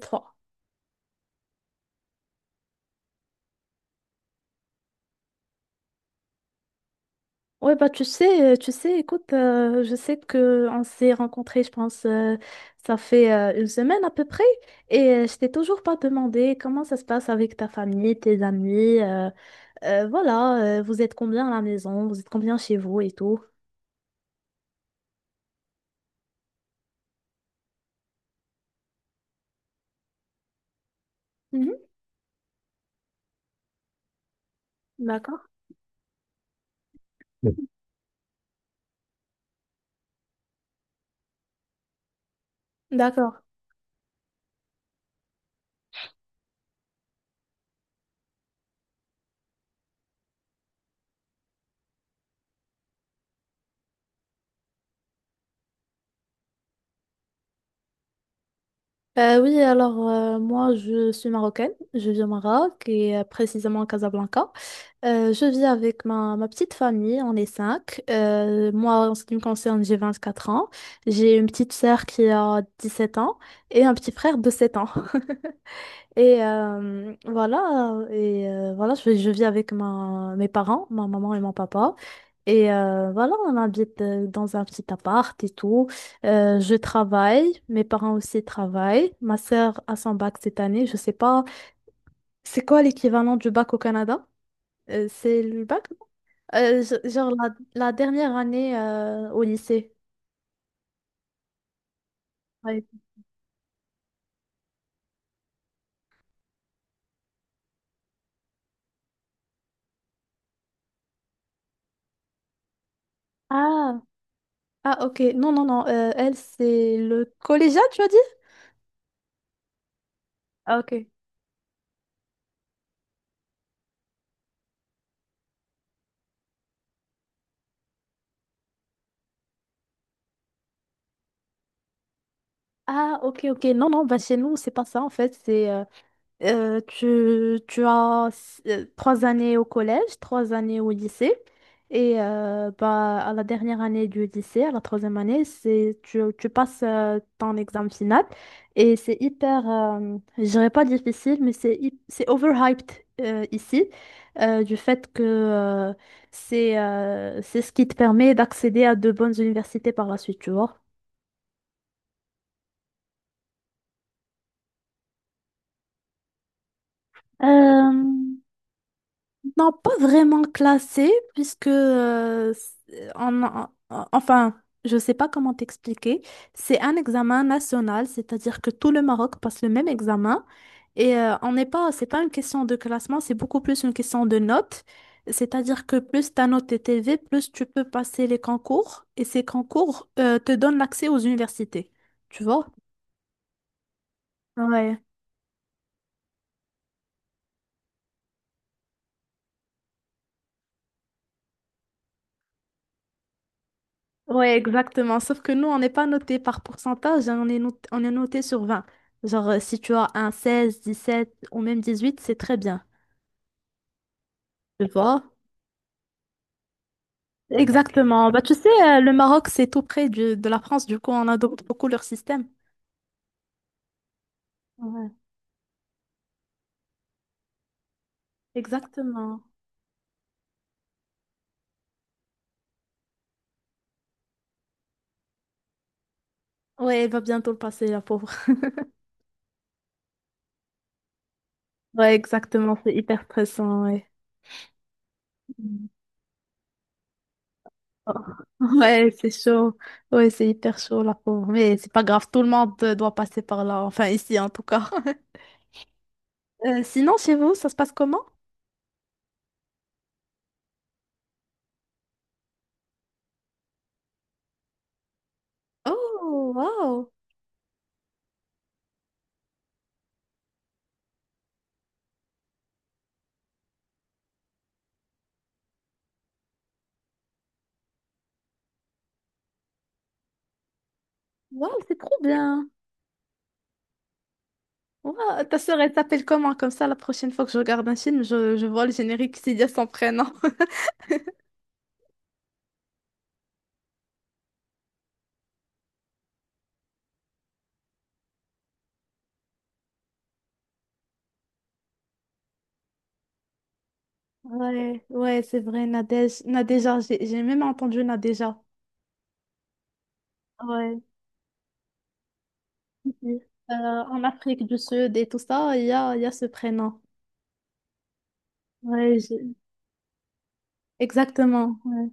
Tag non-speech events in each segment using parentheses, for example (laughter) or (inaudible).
Trois. Ouais, bah tu sais, écoute, je sais que on s'est rencontrés, je pense, ça fait une semaine à peu près, et je t'ai toujours pas demandé comment ça se passe avec ta famille, tes amis, voilà, vous êtes combien à la maison, vous êtes combien chez vous et tout. Mhm. D'accord. D'accord. Oui, alors moi je suis marocaine, je vis au Maroc et précisément à Casablanca. Je vis avec ma petite famille, on est cinq. Moi en ce qui me concerne, j'ai 24 ans, j'ai une petite sœur qui a 17 ans et un petit frère de 7 ans. (laughs) Et voilà, je vis avec mes parents, ma maman et mon papa. Et voilà, on habite dans un petit appart et tout. Je travaille, mes parents aussi travaillent. Ma sœur a son bac cette année. Je sais pas, c'est quoi l'équivalent du bac au Canada? C'est le bac? Non. Genre la dernière année au lycée. Ouais. Ah, ah, ok. Non, non, non. Elle, c'est le collégial, tu as dit? Ah, ok. Ah, ok, ok. Non, non, bah chez nous, c'est pas ça en fait. C'est tu as 3 années au collège, 3 années au lycée. Et bah, à la dernière année du lycée, à la troisième année, c'est tu passes ton examen final. Et c'est hyper, je dirais pas difficile, mais c'est overhyped ici, du fait que c'est ce qui te permet d'accéder à de bonnes universités par la suite, tu vois. Euh, Non, pas vraiment classé, puisque enfin, je sais pas comment t'expliquer. C'est un examen national, c'est-à-dire que tout le Maroc passe le même examen. Et on n'est pas, c'est pas une question de classement, c'est beaucoup plus une question de notes. C'est-à-dire que plus ta note est élevée, plus tu peux passer les concours. Et ces concours te donnent l'accès aux universités. Tu vois? Ouais. Ouais, exactement. Sauf que nous, on n'est pas noté par pourcentage, hein. On est noté sur 20. Genre, si tu as un 16 17 ou même 18, c'est très bien. Tu vois? Ok. Exactement. Bah, tu sais, le Maroc, c'est tout près de la France, du coup, on adopte beaucoup leur système. Ouais, exactement. Ouais, il va bientôt le passer, la pauvre. Ouais, exactement, c'est hyper stressant, ouais. Mm. Oh. Ouais, c'est chaud. Ouais, c'est hyper chaud, la pauvre. Mais c'est pas grave, tout le monde doit passer par là. Enfin, ici, en tout cas. (laughs) Sinon, chez vous, ça se passe comment? Oh, waouh! Waouh, c'est trop bien! Waouh, ta sœur, elle s'appelle comment? Comme ça, la prochaine fois que je regarde un film, je vois le générique, c'est dire son prénom. (laughs) Ouais, ouais, c'est vrai, Nadège. Nadéja, j'ai même entendu Nadéja. Ouais. En Afrique du Sud et tout ça, il y a ce prénom. Ouais, exactement. Ouais.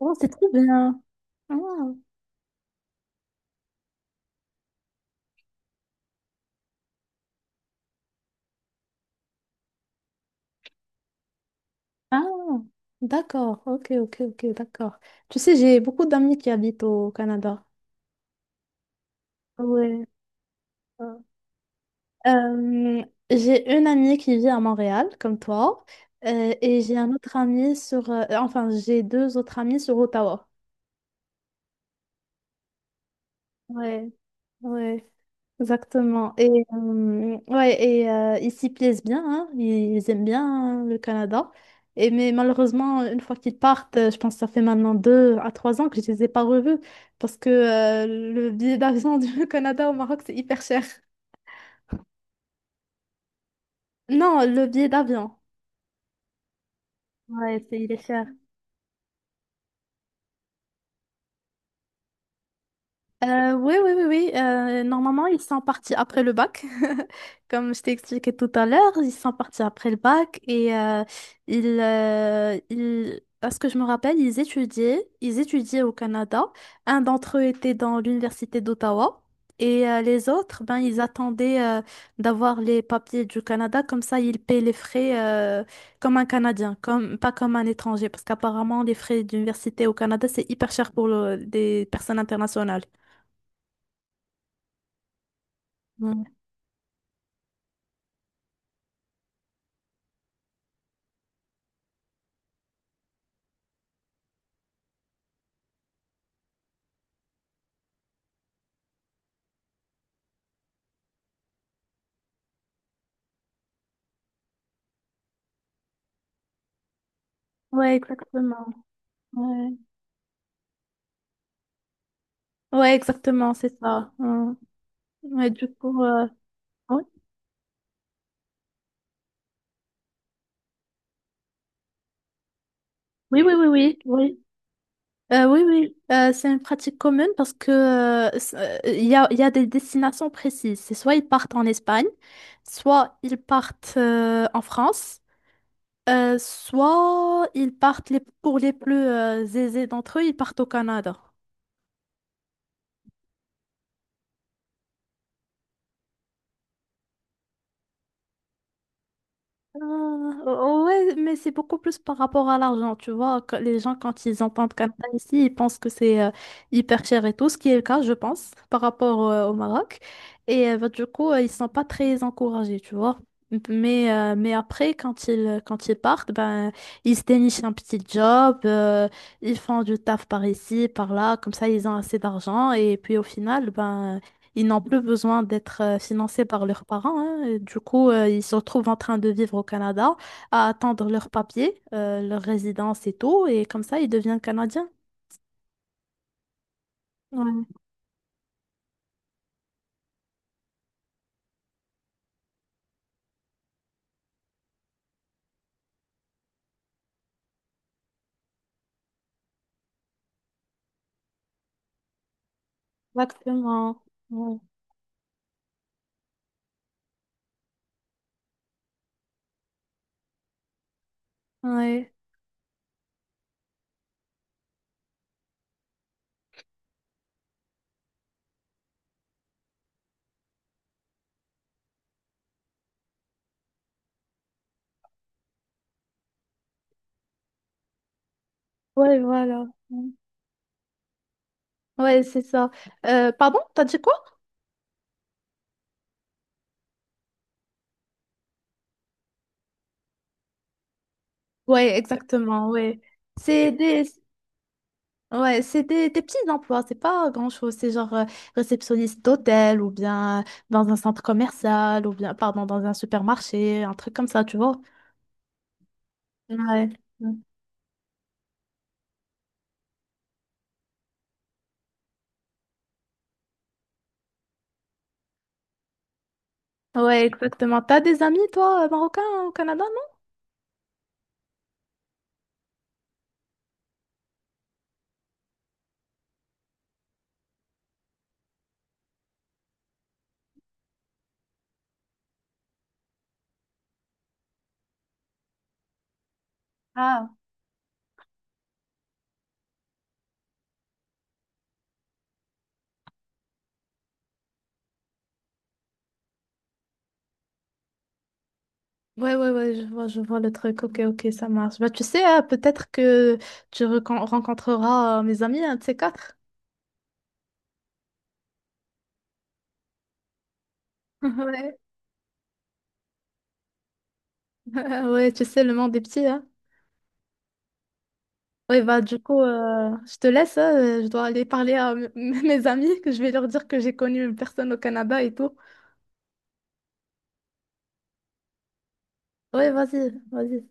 Oh, c'est trop bien. Ah, ah, d'accord. Ok, ok, ok, d'accord. Tu sais, j'ai beaucoup d'amis qui habitent au Canada. Ouais. Euh, j'ai une amie qui vit à Montréal, comme toi, et j'ai un autre ami sur... enfin, j'ai deux autres amis sur Ottawa. Ouais, ouais, exactement. Ouais, et ils s'y plaisent bien, hein, ils aiment bien, hein, le Canada. Mais malheureusement, une fois qu'ils partent, je pense que ça fait maintenant 2 à 3 ans que je les ai pas revus parce que le billet d'avion (laughs) du Canada au Maroc, c'est hyper cher. Non, le billet d'avion. Ouais, il est cher. Oui, oui, oui, oui. Normalement, ils sont partis après le bac. (laughs) Comme je t'ai expliqué tout à l'heure, ils sont partis après le bac et à ce que je me rappelle, ils étudiaient au Canada. Un d'entre eux était dans l'université d'Ottawa et les autres, ben, ils attendaient d'avoir les papiers du Canada. Comme ça, ils paient les frais comme un Canadien, comme, pas comme un étranger, parce qu'apparemment, les frais d'université au Canada, c'est hyper cher pour des personnes internationales. Ouais. Ouais, exactement. Ouais. Ouais, exactement, c'est ça. Ouais. Ouais, du coup, ouais. Oui, oui, oui, oui, oui. Oui, oui. C'est une pratique commune parce que il y a des destinations précises. C'est soit ils partent en Espagne, soit ils partent en France, soit ils partent pour les plus aisés d'entre eux, ils partent au Canada. Ouais, mais c'est beaucoup plus par rapport à l'argent, tu vois, que les gens, quand ils entendent comme ça ici, ils pensent que c'est hyper cher et tout, ce qui est le cas, je pense, par rapport au Maroc. Et bah, du coup, ils sont pas très encouragés, tu vois. Mais après, quand ils partent, ben, ils se dénichent un petit job, ils font du taf par ici, par là, comme ça, ils ont assez d'argent. Et puis au final, ben. Ils n'ont plus besoin d'être financés par leurs parents, hein. Du coup, ils se retrouvent en train de vivre au Canada, à attendre leurs papiers, leur résidence et tout. Et comme ça, ils deviennent Canadiens. Ouais, exactement. Ouais. Ouais. Ouais, voilà. Mm. Ouais, c'est ça. Pardon, t'as dit quoi? Ouais, exactement, ouais. C'est des... Ouais, c'est des petits emplois, c'est pas grand-chose. C'est genre réceptionniste d'hôtel ou bien dans un centre commercial ou bien, pardon, dans un supermarché, un truc comme ça, tu vois. Ouais. Ouais, exactement. T'as des amis, toi, marocains, hein, au Canada, non? Ah. Ouais, ouais, ouais, je vois le truc. Ok, ok, ça marche. Bah, tu sais, peut-être que tu rencontreras mes amis, un de ces quatre. (laughs) Ouais. (laughs) Ouais, tu sais, le monde est petit, hein. Ouais, bah, du coup, je te laisse, hein. Je dois aller parler à (laughs) mes amis, que je vais leur dire que j'ai connu une personne au Canada et tout. Ouais, vas-y, vas-y.